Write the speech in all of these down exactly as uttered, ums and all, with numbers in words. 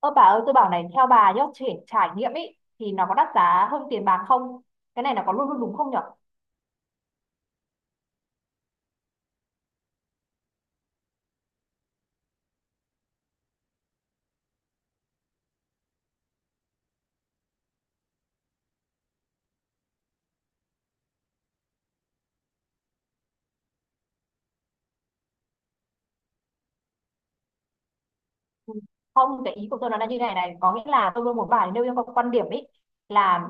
Ơ bà ơi, tôi bảo này, theo bà nhá, trải, trải nghiệm ấy thì nó có đắt giá hơn tiền bạc không? Cái này nó có luôn luôn đúng không nhở? Không, cái ý của tôi nó là như này này, có nghĩa là tôi luôn muốn bài nêu yêu cầu quan điểm ấy, là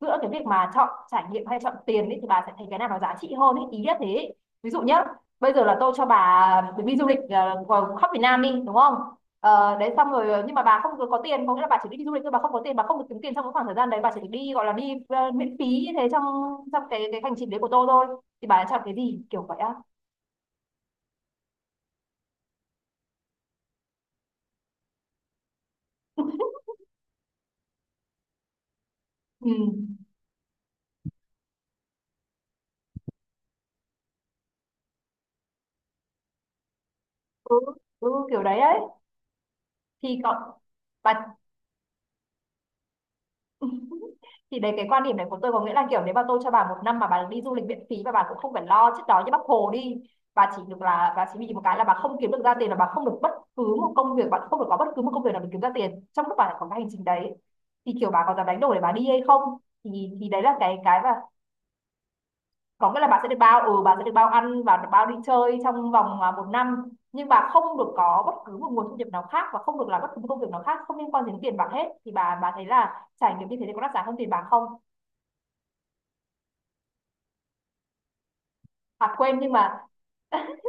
giữa cái việc mà chọn trải nghiệm hay chọn tiền ấy thì bà sẽ thấy cái nào nó giá trị hơn ấy, ý nhất thế ấy. Ví dụ nhá, bây giờ là tôi cho bà chuyến đi du lịch ờ, khắp Việt Nam đi, đúng không? Ờ, đấy, xong rồi ờ, nhưng mà bà không có tiền, có nghĩa là bà chỉ đi du lịch thôi, bà không có tiền, bà không được kiếm tiền trong cái khoảng thời gian đấy, bà chỉ được đi gọi là đi ờ, miễn phí như thế trong trong cái cái hành trình đấy của tôi thôi, thì bà đã chọn cái gì kiểu vậy á? Ừ. Ừ. Ừ, kiểu đấy ấy. Thì còn bà, thì đấy, cái quan điểm này của tôi có nghĩa là kiểu nếu mà tôi cho bà một năm mà bà được đi du lịch miễn phí và bà cũng không phải lo chết đói như bác Hồ đi, bà chỉ được là bà chỉ bị một cái là bà không kiếm được ra tiền, là bà không được bất cứ một công việc, bà không được có bất cứ một công việc nào để kiếm ra tiền trong lúc bà lại có cái hành trình đấy, thì kiểu bà có dám đánh đổi để bà đi hay không, thì thì đấy là cái cái và có nghĩa là bà sẽ được bao, ừ, bà sẽ được bao ăn và được bao đi chơi trong vòng à, một năm. Nhưng bà không được có bất cứ một nguồn thu nhập nào khác và không được làm bất cứ một công việc nào khác không liên quan đến tiền bạc hết, thì bà bà thấy là trải nghiệm như thế thì có đắt giá hơn tiền bạc không? À quên, nhưng mà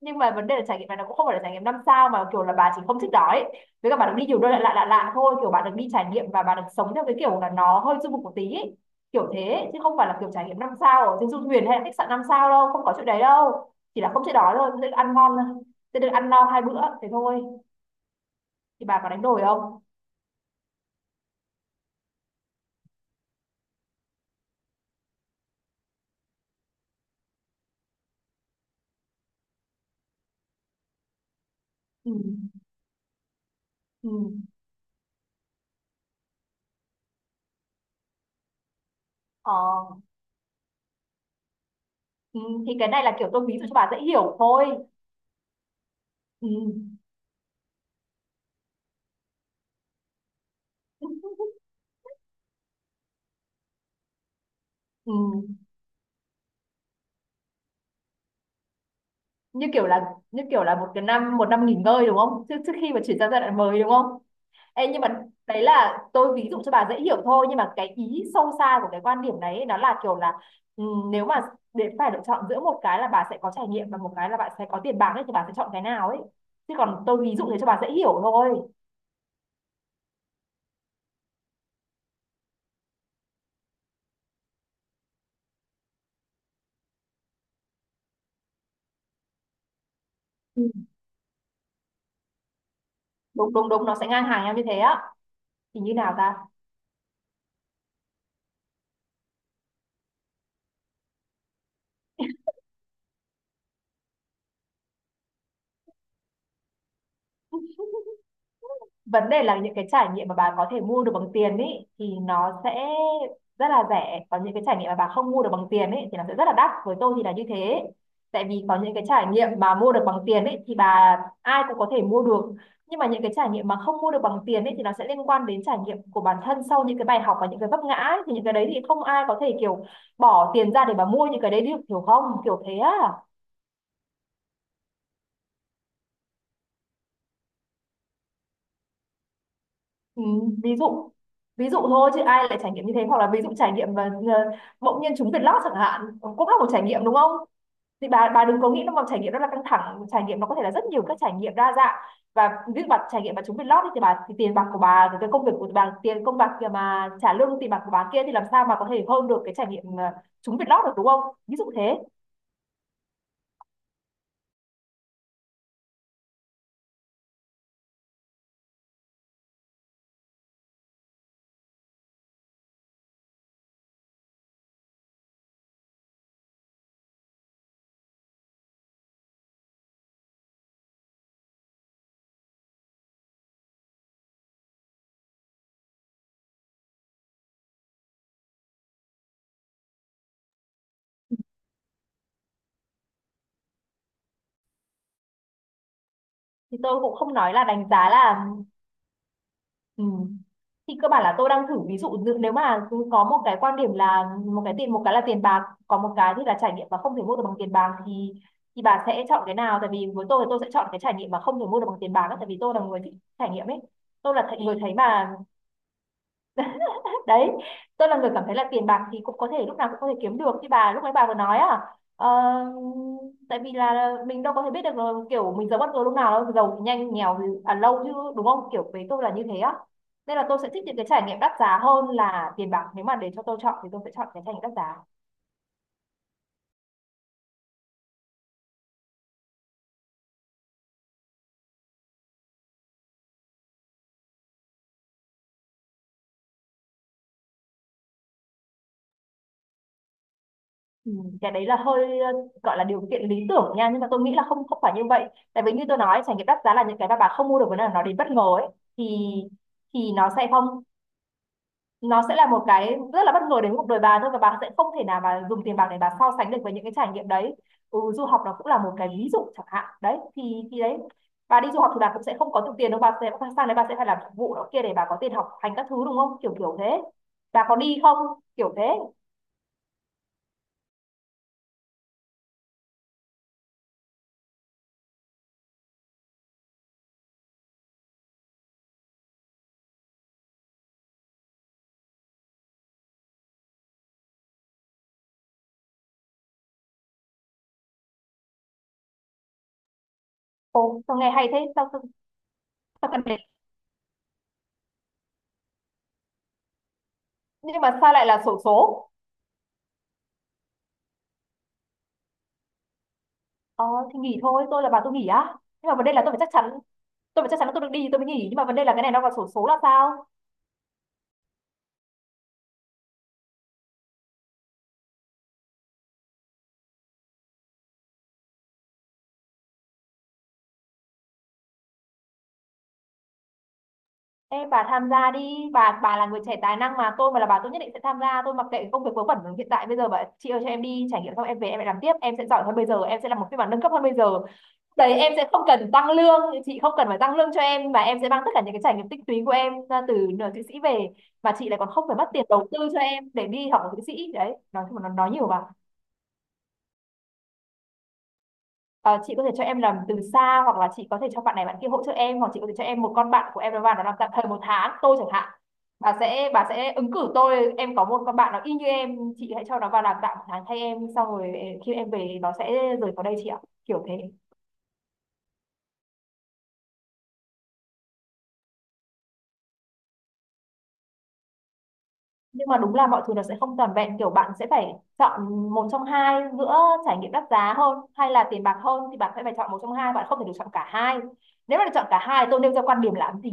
nhưng mà vấn đề là trải nghiệm này nó cũng không phải là trải nghiệm năm sao, mà kiểu là bà chỉ không thích đó ấy, với cả bà được đi nhiều nơi lạ lạ lạ lạ thôi, kiểu bà được đi trải nghiệm và bà được sống theo cái kiểu là nó hơi du mục một tí ấy. Kiểu thế ấy. Chứ không phải là kiểu trải nghiệm năm sao ở trên du thuyền hay là khách sạn năm sao đâu, không có chuyện đấy đâu, chỉ là không chịu đói thôi, sẽ được ăn ngon thôi, sẽ được ăn no hai bữa thế thôi, thì bà có đánh đổi không? Ừ. Ừ. Ờ. Ừ. Thì cái này là kiểu tôi ví dụ cho bà dễ hiểu thôi. Ừ. Ừ. như kiểu là như kiểu là một cái năm, một năm nghỉ ngơi đúng không, trước trước khi mà chuyển sang giai đoạn mới đúng không? Ê, nhưng mà đấy là tôi ví dụ cho bà dễ hiểu thôi, nhưng mà cái ý sâu xa của cái quan điểm đấy ấy, nó là kiểu là, ừ, nếu mà để phải lựa chọn giữa một cái là bà sẽ có trải nghiệm và một cái là bạn sẽ có tiền bạc ấy thì bà sẽ chọn cái nào ấy, chứ còn tôi ví dụ thế cho bà dễ hiểu thôi. Ừ. Đúng đúng đúng, nó sẽ ngang hàng nhau như thế á. Thì như nào ta? Vấn đề là những cái trải nghiệm mà bà có thể mua được bằng tiền ý thì nó sẽ rất là rẻ, còn những cái trải nghiệm mà bà không mua được bằng tiền ý thì nó sẽ rất là đắt, với tôi thì là như thế. Tại vì có những cái trải nghiệm mà mua được bằng tiền ý thì bà ai cũng có thể mua được, nhưng mà những cái trải nghiệm mà không mua được bằng tiền ý thì nó sẽ liên quan đến trải nghiệm của bản thân sau những cái bài học và những cái vấp ngã ý. Thì những cái đấy thì không ai có thể kiểu bỏ tiền ra để mà mua những cái đấy được, hiểu không, kiểu thế á. Ừ, ví dụ ví dụ thôi chứ ai lại trải nghiệm như thế, hoặc là ví dụ trải nghiệm và ờ, bỗng nhiên trúng Việt Lót chẳng hạn, ờ, cũng là một trải nghiệm đúng không? Thì bà bà đừng có nghĩ nó mà trải nghiệm đó là căng thẳng, trải nghiệm nó có thể là rất nhiều các trải nghiệm đa dạng. Và ví dụ bà trải nghiệm bà trúng Việt Lót thì bà, thì tiền bạc của bà rồi cái công việc của bà, tiền công bạc kia mà trả lương tiền bạc của bà kia thì làm sao mà có thể hơn được cái trải nghiệm ờ, trúng Việt Lót được đúng không, ví dụ thế. Thì tôi cũng không nói là đánh giá là. Ừ. Thì cơ bản là tôi đang thử ví dụ như nếu mà cứ có một cái quan điểm là một cái tiền, một cái là tiền bạc còn một cái thì là trải nghiệm và không thể mua được bằng tiền bạc thì thì bà sẽ chọn cái nào, tại vì với tôi thì tôi sẽ chọn cái trải nghiệm mà không thể mua được bằng tiền bạc á, tại vì tôi là người thích trải nghiệm ấy, tôi là th người thấy mà, đấy, tôi là người cảm thấy là tiền bạc thì cũng có thể lúc nào cũng có thể kiếm được như bà lúc nãy bà vừa nói à. Ờ, tại vì là mình đâu có thể biết được là kiểu mình giàu bất ngờ lúc nào đâu, giàu thì nhanh nghèo thì à, lâu chứ, đúng không, kiểu với tôi là như thế á. Nên là tôi sẽ thích những cái trải nghiệm đắt giá hơn là tiền bạc, nếu mà để cho tôi chọn thì tôi sẽ chọn cái trải nghiệm đắt giá. Ừ, cái đấy là hơi ờ, gọi là điều kiện lý tưởng nha, nhưng mà tôi nghĩ là không, không phải như vậy. Tại vì như tôi nói trải nghiệm đắt giá là những cái mà bà không mua được, với là nó đến bất ngờ ấy, thì thì nó sẽ không nó sẽ là một cái rất là bất ngờ đến cuộc đời bà thôi, và bà sẽ không thể nào mà dùng tiền bạc để bà so sánh được với những cái trải nghiệm đấy. Ừ, du học nó cũng là một cái ví dụ chẳng hạn đấy, thì thì đấy, bà đi du học thì bà cũng sẽ không có được tiền đâu, bà sẽ sang đấy bà sẽ phải làm phục vụ đó kia để bà có tiền học hành các thứ đúng không, kiểu kiểu thế, bà có đi không, kiểu thế. Ồ sao nghe hay thế, sao sao, sao cần đến, nhưng mà sao lại là xổ số? ờ thì nghỉ thôi, tôi là bà tôi nghỉ á, nhưng mà vấn đề là tôi phải chắc chắn, tôi phải chắc chắn là tôi được đi thì tôi mới nghỉ, nhưng mà vấn đề là cái này nó vào xổ số là sao? Ê, bà tham gia đi, bà bà là người trẻ tài năng mà, tôi mà là bà tôi nhất định sẽ tham gia, tôi mặc kệ công việc vớ vẩn hiện tại bây giờ. Bà chị ơi, cho em đi trải nghiệm xong em về em lại làm tiếp, em sẽ giỏi hơn bây giờ, em sẽ làm một phiên bản nâng cấp hơn bây giờ, đấy, em sẽ không cần tăng lương, chị không cần phải tăng lương cho em mà em sẽ mang tất cả những cái trải nghiệm tích lũy của em ra từ nửa Thụy Sĩ về, mà chị lại còn không phải mất tiền đầu tư cho em để đi học ở Thụy Sĩ, đấy, nói chung là nó nói nhiều bà. Ờ, chị có thể cho em làm từ xa hoặc là chị có thể cho bạn này bạn kia hỗ trợ em, hoặc chị có thể cho em một con bạn của em nó vào nó làm tạm thời một tháng, tôi chẳng hạn bà sẽ bà sẽ ứng cử tôi, em có một con bạn nó y như em, chị hãy cho nó vào làm tạm một tháng thay em, xong rồi khi em về nó sẽ rời khỏi đây chị ạ, kiểu thế. Nhưng mà đúng là mọi thứ nó sẽ không toàn vẹn, kiểu bạn sẽ phải chọn một trong hai, giữa trải nghiệm đắt giá hơn hay là tiền bạc hơn thì bạn sẽ phải chọn một trong hai, bạn không Thể được chọn cả hai. Nếu mà được chọn cả hai tôi nêu ra quan điểm làm gì?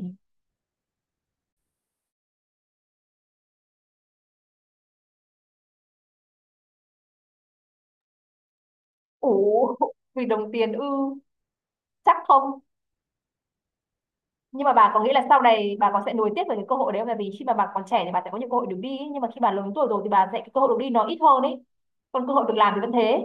Ủ, vì đồng tiền ư? Chắc không? Nhưng mà bà có nghĩ là sau này bà còn sẽ nối tiếp về cái cơ hội đấy không? Tại vì khi mà bà còn trẻ thì bà sẽ có nhiều cơ hội được đi ấy. Nhưng mà khi bà lớn tuổi rồi thì bà sẽ cái cơ hội được đi nó ít hơn ấy, còn cơ hội được làm thì vẫn thế.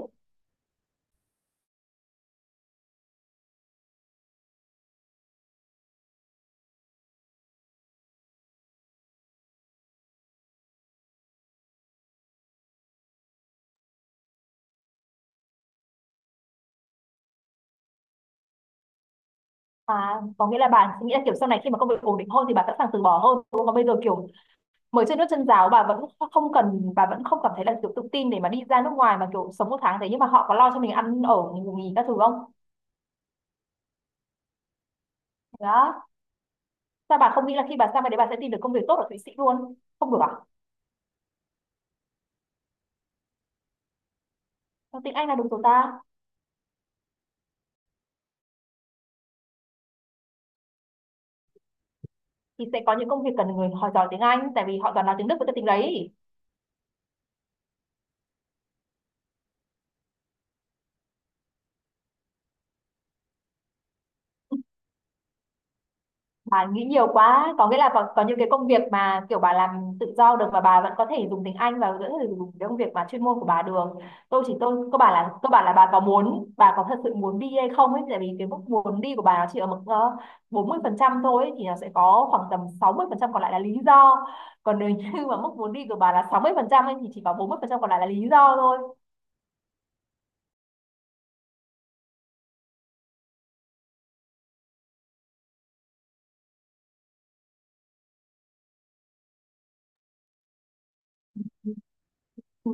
À, có nghĩa là bà nghĩ là kiểu sau này khi mà công việc ổn định hơn thì bà sẵn sàng từ bỏ hơn đúng không? Còn bây giờ kiểu mới chân nước chân giáo bà vẫn không cần, bà vẫn không cảm thấy là kiểu tự tin để mà đi ra nước ngoài mà kiểu sống một tháng thế. Nhưng mà họ có lo cho mình ăn ở ngủ nghỉ các thứ không? Đó, sao bà không nghĩ là khi bà sang bên đấy bà sẽ tìm được công việc tốt ở Thụy Sĩ luôn? Không được à? Tiếng Anh là đúng rồi ta, thì sẽ có những công việc cần người họ giỏi tiếng Anh tại vì họ toàn nói tiếng Đức với cái tiếng đấy. Bà nghĩ nhiều quá, có nghĩa là có, có những cái công việc mà kiểu bà làm tự do được và bà vẫn có thể dùng tiếng Anh và vẫn có thể dùng cái công việc mà chuyên môn của bà được. Tôi chỉ tôi có bà là cơ bản là bà có muốn, bà có thật sự muốn đi hay không ấy, tại vì cái mức muốn đi của bà nó chỉ ở mức ờ, bốn mươi phần trăm thôi ấy, thì nó sẽ có khoảng tầm sáu mươi phần trăm còn lại là lý do. Còn nếu như mà mức muốn đi của bà là sáu mươi phần trăm ấy, thì chỉ có bốn mươi phần trăm còn lại là lý do thôi. Ừ.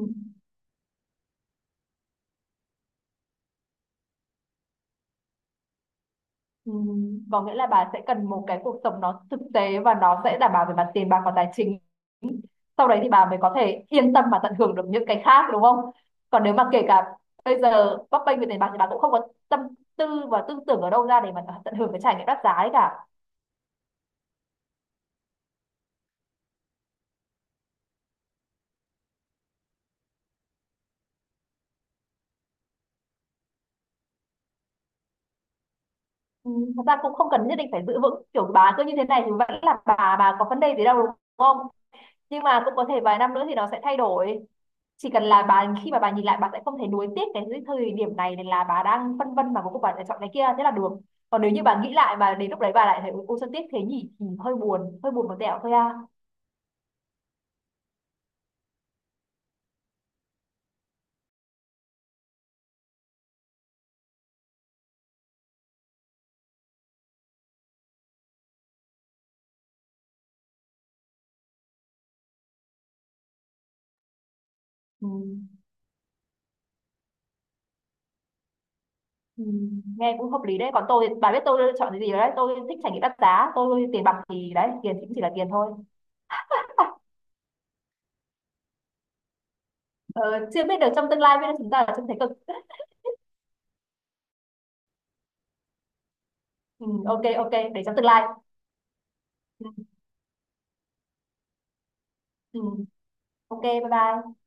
Ừ, có nghĩa là bà sẽ cần một cái cuộc sống nó thực tế và nó sẽ đảm bảo về mặt tiền bạc và tài chính, sau đấy thì bà mới có thể yên tâm và tận hưởng được những cái khác đúng không? Còn nếu mà kể cả bây giờ bấp bênh về tiền bạc thì bà cũng không có tâm tư và tư tưởng ở đâu ra để mà tận hưởng cái trải nghiệm đắt giá ấy cả. Ừ, thật ra cũng không cần nhất định phải giữ vững, kiểu bà cứ như thế này thì vẫn là bà bà có vấn đề gì đâu đúng không? Nhưng mà cũng có thể vài năm nữa thì nó sẽ thay đổi. Chỉ cần là bà khi mà bà nhìn lại bà sẽ không thấy nuối tiếc cái thời điểm này, nên là bà đang phân vân mà cuối cùng bà lại chọn cái kia thế là được. Còn nếu như bà nghĩ lại mà đến lúc đấy bà lại thấy ôi sao tiếc thế nhỉ thì hơi buồn, hơi buồn một tẹo thôi à. Ừ. Ừ. Nghe cũng hợp lý đấy. Còn tôi thì bà biết tôi chọn cái gì rồi đấy, tôi thích trải nghiệm đắt giá, tôi tiền bạc thì đấy, tiền thì cũng chỉ là tiền thôi. ờ, Chưa biết được trong tương lai biết đâu chúng ta là trông thấy cực. Ừ, ok ok để trong tương lai. Ừ, ừ. Ok bye bye.